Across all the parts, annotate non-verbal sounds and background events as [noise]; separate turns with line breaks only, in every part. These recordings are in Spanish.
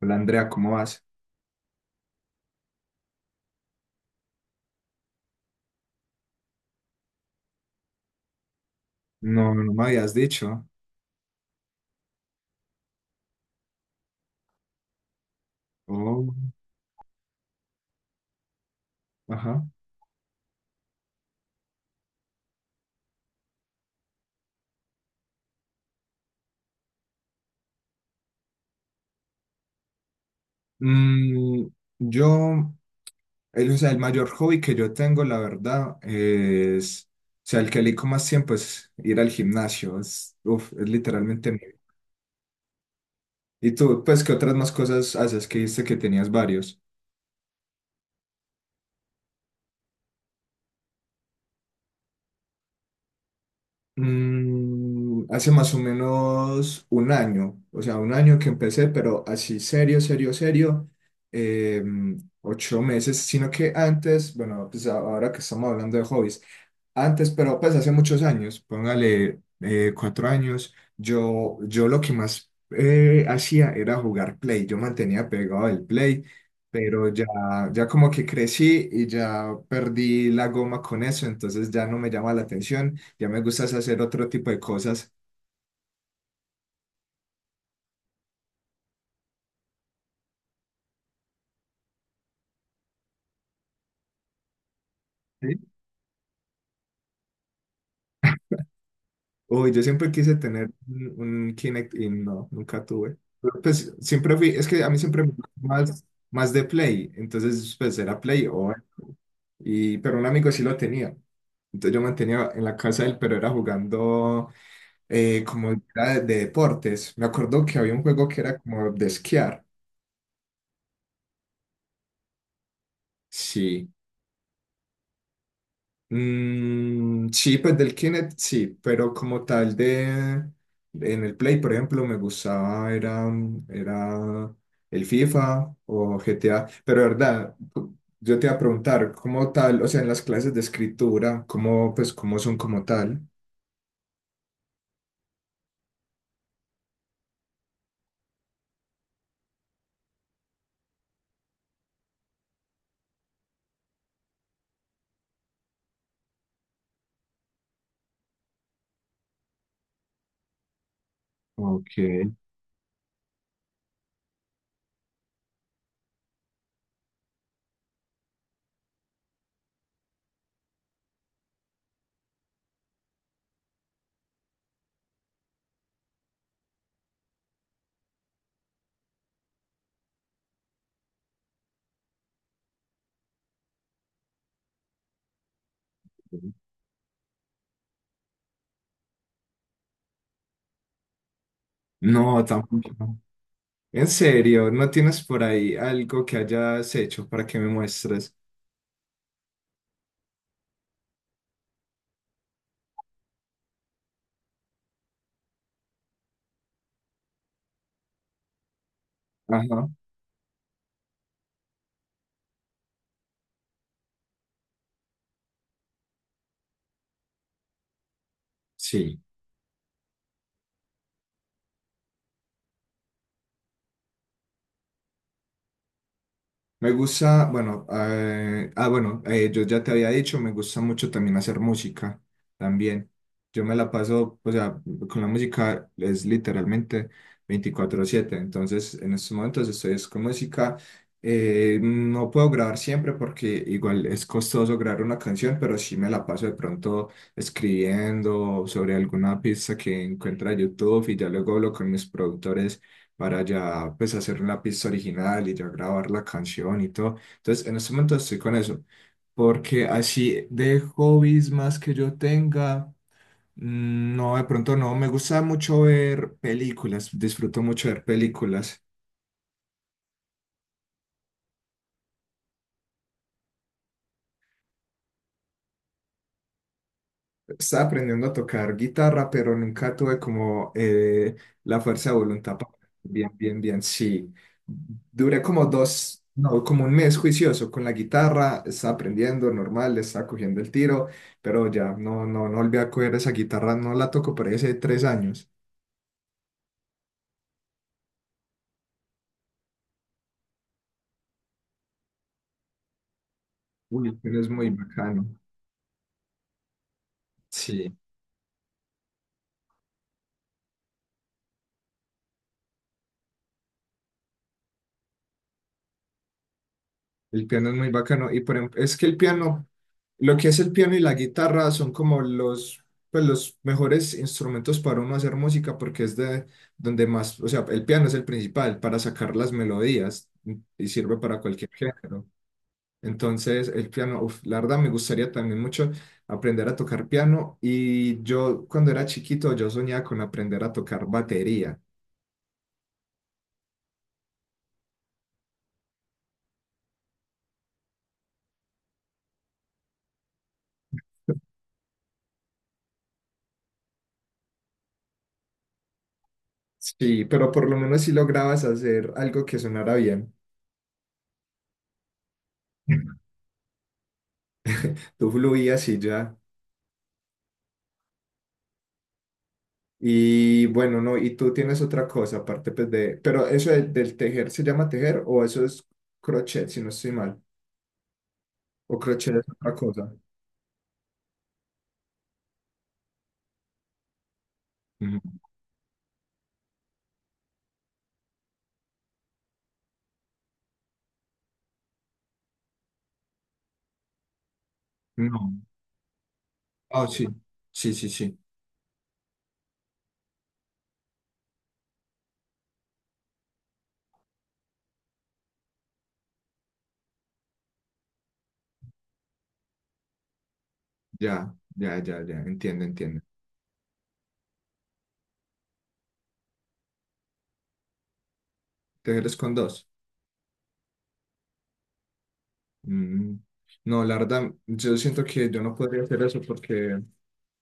Hola Andrea, ¿cómo vas? No, no me habías dicho. Oh, ajá. Mm, yo, o sea, el mayor hobby que yo tengo, la verdad, o sea, el que elijo más tiempo es ir al gimnasio. Es literalmente mi vida. ¿Y tú, pues, qué otras más cosas haces? Que dijiste que tenías varios. Hace más o menos un año, o sea, un año que empecé, pero así serio, serio, serio, 8 meses, sino que antes, bueno, pues ahora que estamos hablando de hobbies, antes, pero pues hace muchos años, póngale 4 años, yo lo que más hacía era jugar Play, yo mantenía pegado el Play, pero ya, ya como que crecí y ya perdí la goma con eso, entonces ya no me llama la atención, ya me gusta es hacer otro tipo de cosas. ¿Sí? Uy, yo siempre quise tener un Kinect y no, nunca tuve. Pero, pues siempre fui, es que a mí siempre me gustó más de Play, entonces pues era Play o. Y, pero un amigo sí lo tenía. Entonces yo mantenía en la casa de él, pero era jugando como era de deportes. Me acuerdo que había un juego que era como de esquiar. Sí. Mm, sí, pues del Kinect, sí, pero como tal de... En el Play, por ejemplo, me gustaba, era el FIFA o GTA, pero de verdad, yo te iba a preguntar, ¿cómo tal? O sea, en las clases de escritura, ¿Pues, cómo son como tal? Ok. No, tampoco. No. En serio, ¿no tienes por ahí algo que hayas hecho para que me muestres? Ajá, sí. Me gusta, bueno, bueno, yo ya te había dicho, me gusta mucho también hacer música, también. Yo me la paso, o sea, con la música es literalmente 24/7, entonces en estos momentos estoy es con música. No puedo grabar siempre porque igual es costoso grabar una canción, pero sí me la paso de pronto escribiendo sobre alguna pista que encuentra YouTube y ya luego hablo con mis productores para ya pues hacer la pista original y ya grabar la canción y todo. Entonces, en este momento estoy con eso, porque así de hobbies más que yo tenga, mm, no, de pronto no, me gusta mucho ver películas, disfruto mucho ver películas. Estaba aprendiendo a tocar guitarra, pero nunca tuve como la fuerza de voluntad para... Bien, bien, bien, sí. Duré como dos, no, como un mes juicioso con la guitarra, estaba aprendiendo normal, le estaba cogiendo el tiro, pero ya no, no, no volví a coger esa guitarra, no la toco por ahí hace 3 años. Uy, pero es muy bacano. Sí. El piano es muy bacano. Y por ejemplo, es que el piano, lo que es el piano y la guitarra son como los, pues, los mejores instrumentos para uno hacer música porque es de donde más, o sea, el piano es el principal para sacar las melodías y sirve para cualquier género. Entonces, el piano, uf, la verdad me gustaría también mucho aprender a tocar piano, y yo cuando era chiquito yo soñaba con aprender a tocar batería. Sí, pero por lo menos si lograbas hacer algo que sonara bien, [laughs] tú fluías y ya. Y bueno, no, y tú tienes otra cosa aparte pues, de, pero eso del, tejer, se llama tejer o eso es crochet, si no estoy mal, o crochet es otra cosa. Ujú. No. Ah, sí, sí, sí, sí, ya, ya, ya, ya, entiendo, entiendo. Tejer es con dos. Mm. No, la verdad, yo siento que yo no podría hacer eso porque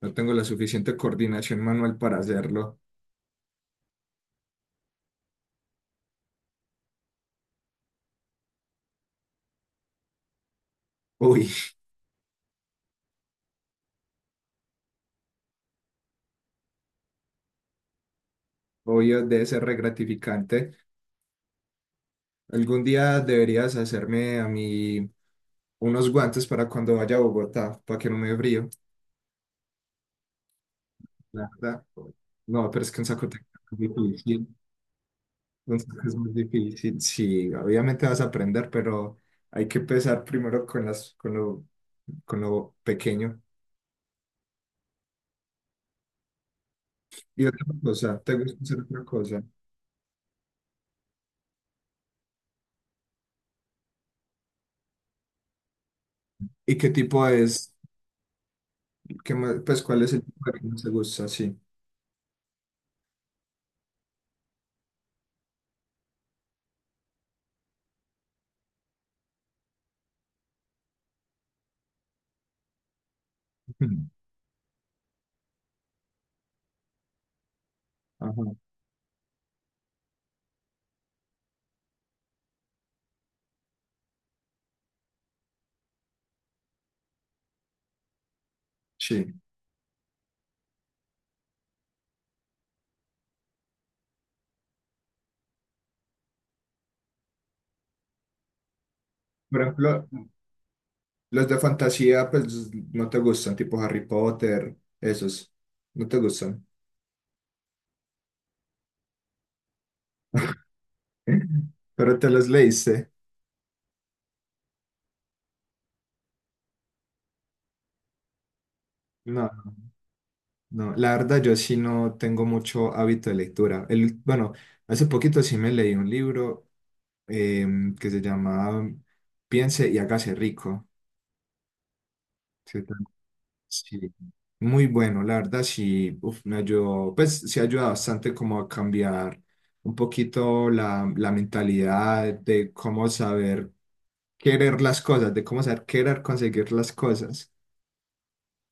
no tengo la suficiente coordinación manual para hacerlo. Uy, [laughs] obvio, debe ser re gratificante. Algún día deberías hacerme a mí unos guantes para cuando vaya a Bogotá, para que no me dé frío, la verdad. No, pero es que un saco técnico es difícil. Un saco es muy difícil. Sí, obviamente vas a aprender, pero hay que empezar primero con las, con lo pequeño. Y otra cosa, ¿te gusta hacer otra cosa? ¿Y qué tipo es? ¿Qué más- pues cuál es el tipo que más te gusta? Sí. [laughs] Ujú. Ajá. Sí. Por ejemplo, los de fantasía, pues no te gustan, tipo Harry Potter, esos, no te gustan. [laughs] Pero te los leíste. No, no, la verdad yo sí no tengo mucho hábito de lectura. El, bueno, hace poquito sí me leí un libro que se llama Piense y hágase rico. Sí, tan- sí. Muy bueno, la verdad sí, uf, me ayudó, pues sí ayuda bastante como a cambiar un poquito la mentalidad de cómo saber querer las cosas, de cómo saber querer conseguir las cosas.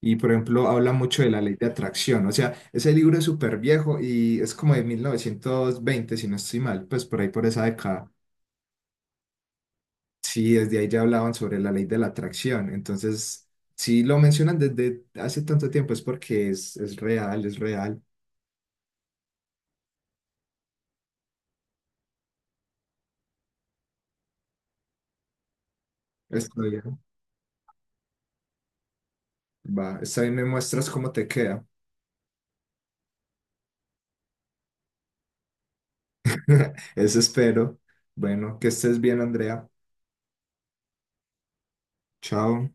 Y por ejemplo, habla mucho de la ley de atracción. O sea, ese libro es súper viejo y es como de 1920 si no estoy mal, pues por ahí por esa década. Sí, desde ahí ya hablaban sobre la ley de la atracción. Entonces, si lo mencionan desde hace tanto tiempo es porque es real, es real. Está bien, va, está bien, me muestras cómo te queda. [laughs] Eso espero. Bueno, que estés bien, Andrea. Chao.